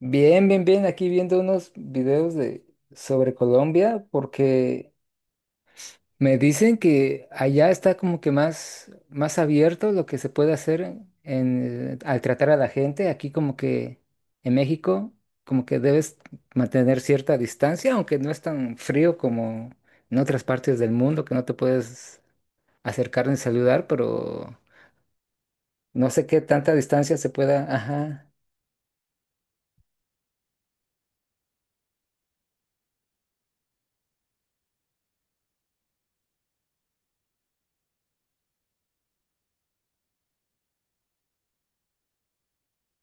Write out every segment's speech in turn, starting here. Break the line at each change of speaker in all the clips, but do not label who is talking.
Bien, bien, bien. Aquí viendo unos videos de sobre Colombia porque me dicen que allá está como que más, más abierto lo que se puede hacer en al tratar a la gente. Aquí como que en México como que debes mantener cierta distancia, aunque no es tan frío como en otras partes del mundo que no te puedes acercar ni saludar, pero no sé qué tanta distancia se pueda. Ajá.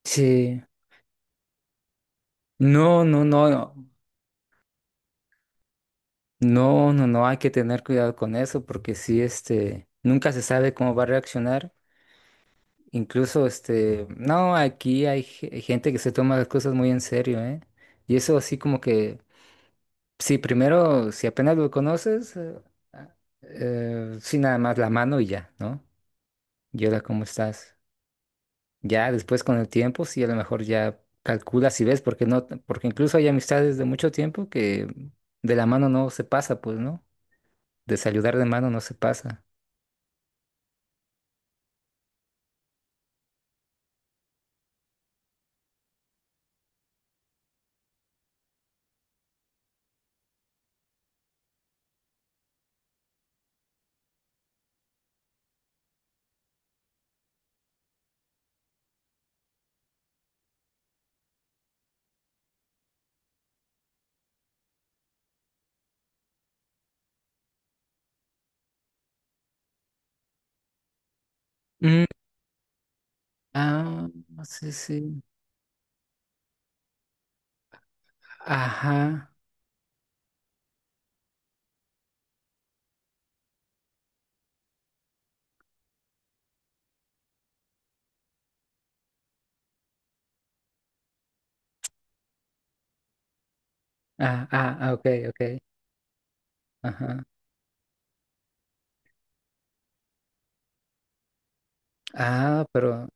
Sí. No, no, no, no. No, no, no, hay que tener cuidado con eso porque sí, nunca se sabe cómo va a reaccionar. Incluso, no, aquí hay gente que se toma las cosas muy en serio, ¿eh? Y eso así como que, sí, primero, si apenas lo conoces, ah, sí, nada más la mano y ya, ¿no? Y hola, ¿cómo estás? Ya después con el tiempo, sí, a lo mejor ya calculas y ves, porque no, porque incluso hay amistades de mucho tiempo que de la mano no se pasa, pues, ¿no? De saludar de mano no se pasa. Mm, ah, sí, sí. Ajá. Ok, ok. Ajá. Ah, pero,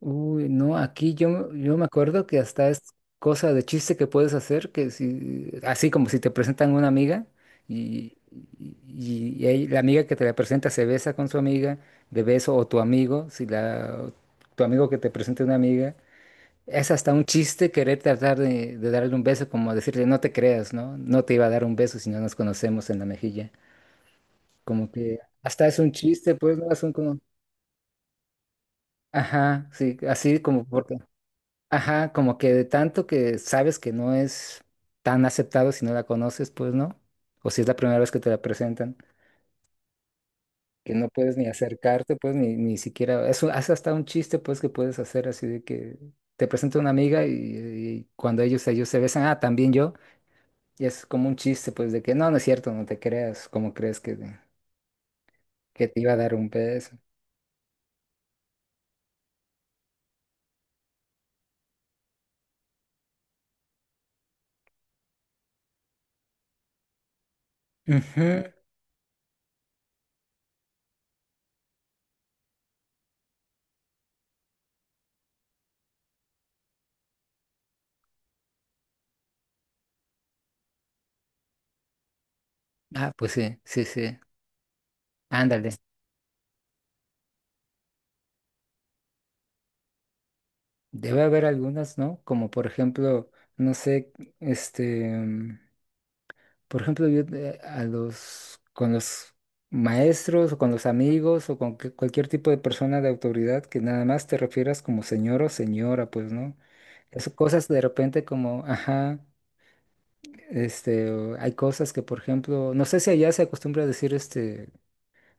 uy, no, aquí yo, yo me acuerdo que hasta es cosa de chiste que puedes hacer, que si, así como si te presentan una amiga y, y ahí la amiga que te la presenta se besa con su amiga de beso o tu amigo, si la, tu amigo que te presenta una amiga. Es hasta un chiste querer tratar de darle un beso, como decirle, no te creas, ¿no? No te iba a dar un beso si no nos conocemos en la mejilla. Como que hasta es un chiste, pues, ¿no? Es un como, ajá, sí, así como porque, ajá, como que de tanto que sabes que no es tan aceptado si no la conoces, pues, ¿no? O si es la primera vez que te la presentan, que no puedes ni acercarte, pues, ni siquiera, eso hace hasta un chiste, pues, que puedes hacer así de que te presenta una amiga y cuando ellos se besan, ah, también yo. Y es como un chiste, pues, de que no, no es cierto, no te creas, ¿cómo crees que, que te iba a dar un peso? Ujú. Ah, pues sí, sí, sí. Ándale. Debe haber algunas, ¿no? Como por ejemplo, no sé, este, mm, por ejemplo, yo a los, con los maestros o con los amigos o con cualquier tipo de persona de autoridad que nada más te refieras como señor o señora, pues, ¿no? Eso, cosas de repente como, ajá. Hay cosas que, por ejemplo, no sé si allá se acostumbra a decir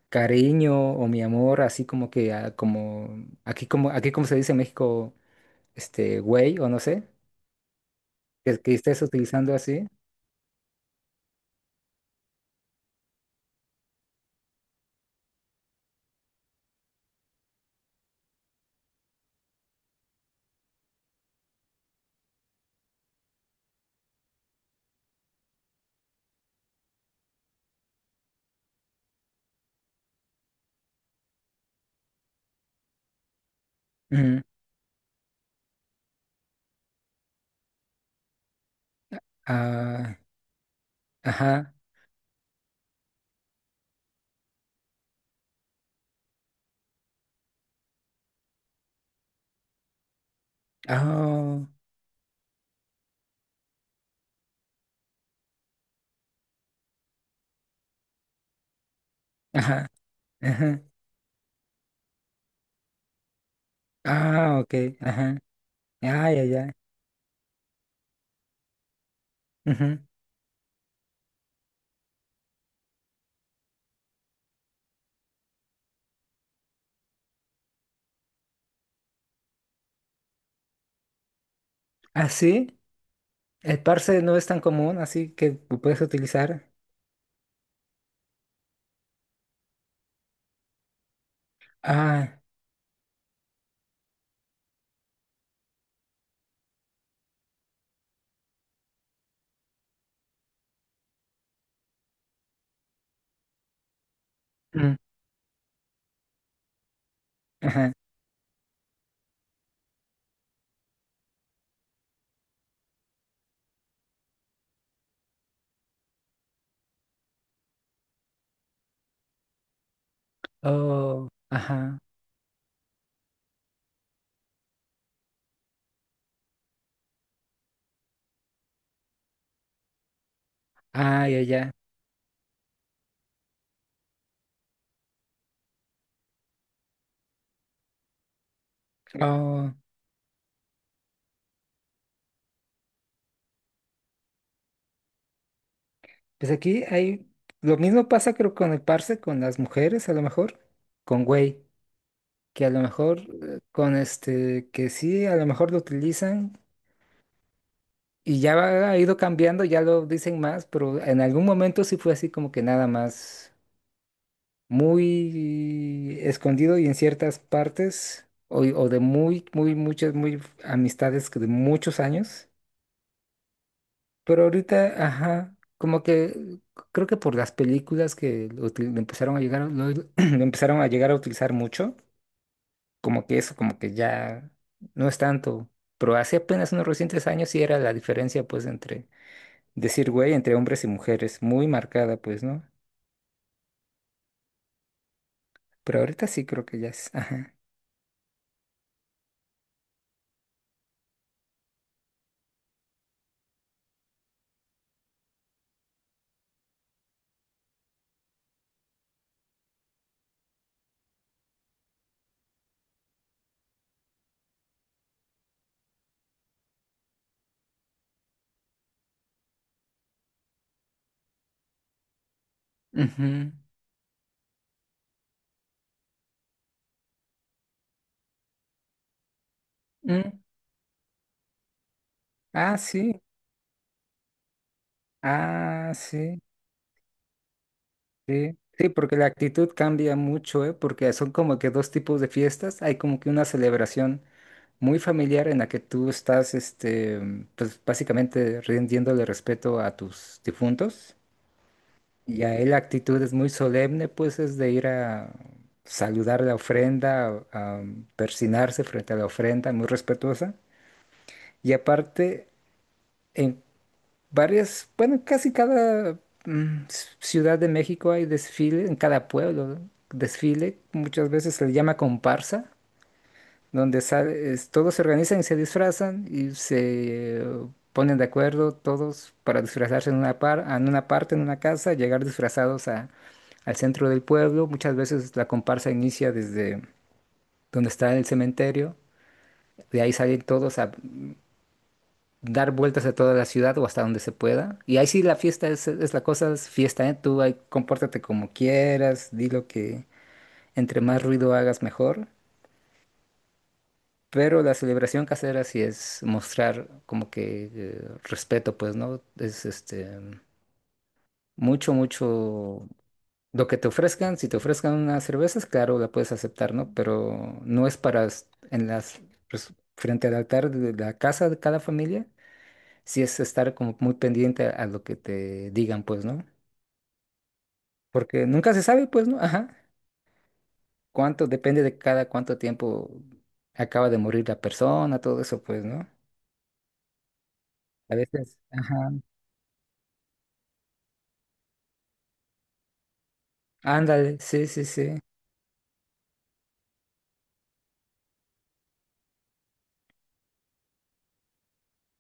cariño o mi amor, así como que ah, como aquí como aquí como se dice en México, güey o no sé, que estés utilizando así. Ujú. Ah, ajá. Ah, ajá. Ajá. Ah, ok. Ajá. Ay, ay, ay. Ujú. Ah, sí. El parse no es tan común, así que lo puedes utilizar. Ah, mm, ajá. Oh, ajá. Ay, ay, ay. Oh, pues aquí hay, lo mismo pasa creo con el parse, con las mujeres a lo mejor, con güey, que a lo mejor que sí, a lo mejor lo utilizan y ha ido cambiando, ya lo dicen más, pero en algún momento sí fue así como que nada más muy escondido y en ciertas partes o de muy amistades que de muchos años. Pero ahorita, ajá, como que creo que por las películas que lo empezaron a llegar, lo, lo empezaron a llegar a utilizar mucho, como que eso, como que ya no es tanto. Pero hace apenas unos recientes años sí era la diferencia, pues, entre decir güey, entre hombres y mujeres, muy marcada, pues, ¿no? Pero ahorita sí creo que ya es, ajá. Ujú. Mm. Ah, sí, ah, sí, sí. Sí, porque la actitud cambia mucho, ¿eh? Porque son como que dos tipos de fiestas. Hay como que una celebración muy familiar en la que tú estás, pues básicamente rindiéndole respeto a tus difuntos. Y ahí la actitud es muy solemne, pues es de ir a saludar la ofrenda, a persinarse frente a la ofrenda, muy respetuosa. Y aparte, en varias, bueno, casi cada ciudad de México hay desfile, en cada pueblo, ¿no? Desfile, muchas veces se le llama comparsa donde todos se organizan y se disfrazan y se ponen de acuerdo todos para disfrazarse en una en una parte, en una casa, llegar disfrazados a, al centro del pueblo. Muchas veces la comparsa inicia desde donde está el cementerio. De ahí salen todos a dar vueltas a toda la ciudad o hasta donde se pueda. Y ahí sí la fiesta es la cosa, es fiesta, ¿eh? Tú ahí compórtate como quieras, di lo que entre más ruido hagas mejor. Pero la celebración casera sí es mostrar como que respeto, pues, ¿no? Es mucho, mucho lo que te ofrezcan. Si te ofrezcan unas cervezas, claro, la puedes aceptar, ¿no? Pero no es para es- en las pues, frente al altar de la casa de cada familia, sí es estar como muy pendiente a lo que te digan, pues, ¿no? Porque nunca se sabe, pues, ¿no? Ajá. Cuánto, depende de cada cuánto tiempo acaba de morir la persona, todo eso, pues, ¿no? A veces, ajá. Ándale, sí, sí, sí.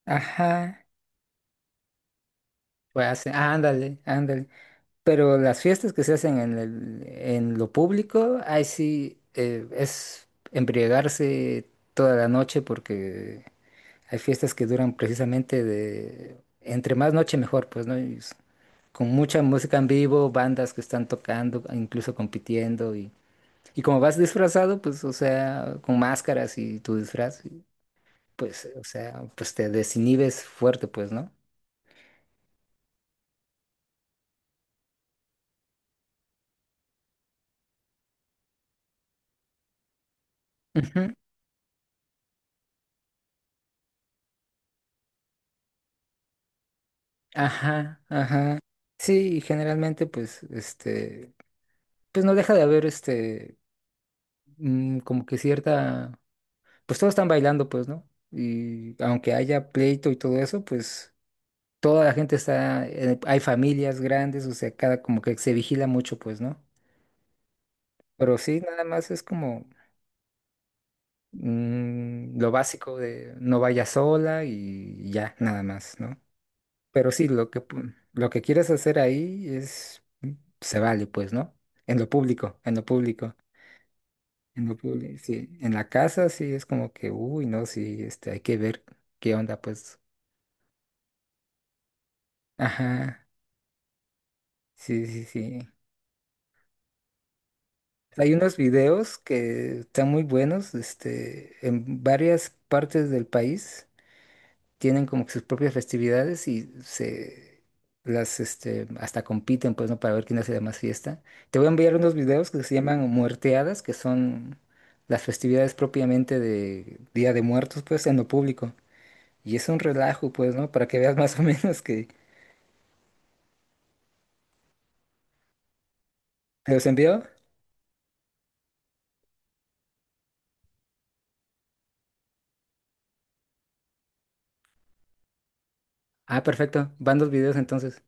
Ajá. Pues hacen, ándale, ándale. Pero las fiestas que se hacen en lo público, ahí sí es embriagarse toda la noche porque hay fiestas que duran precisamente de entre más noche mejor, pues, ¿no? Y con mucha música en vivo, bandas que están tocando, incluso compitiendo y como vas disfrazado, pues, o sea, con máscaras y tu disfraz, pues, o sea, pues te desinhibes fuerte, pues, ¿no? Ujú, ajá, ajá. Sí, y generalmente pues pues no deja de haber como que cierta, pues todos están bailando pues, ¿no? Y aunque haya pleito y todo eso, pues toda la gente está, hay familias grandes, o sea, cada como que se vigila mucho pues, ¿no? Pero sí, nada más es como lo básico de no vayas sola y ya, nada más, ¿no? Pero sí, lo que, lo que quieres hacer ahí es se vale, pues, ¿no? En lo público, en lo público, en lo público, sí. En la casa sí es como que, uy, no, sí, hay que ver qué onda, pues. Ajá, sí, sí, sí. Hay unos videos que están muy buenos, en varias partes del país tienen como que sus propias festividades y se las hasta compiten pues no para ver quién hace la más fiesta. Te voy a enviar unos videos que se llaman muerteadas, que son las festividades propiamente de Día de Muertos pues en lo público. Y es un relajo pues, ¿no? Para que veas más o menos que ¿te los envío? Ah, perfecto. Van dos videos entonces.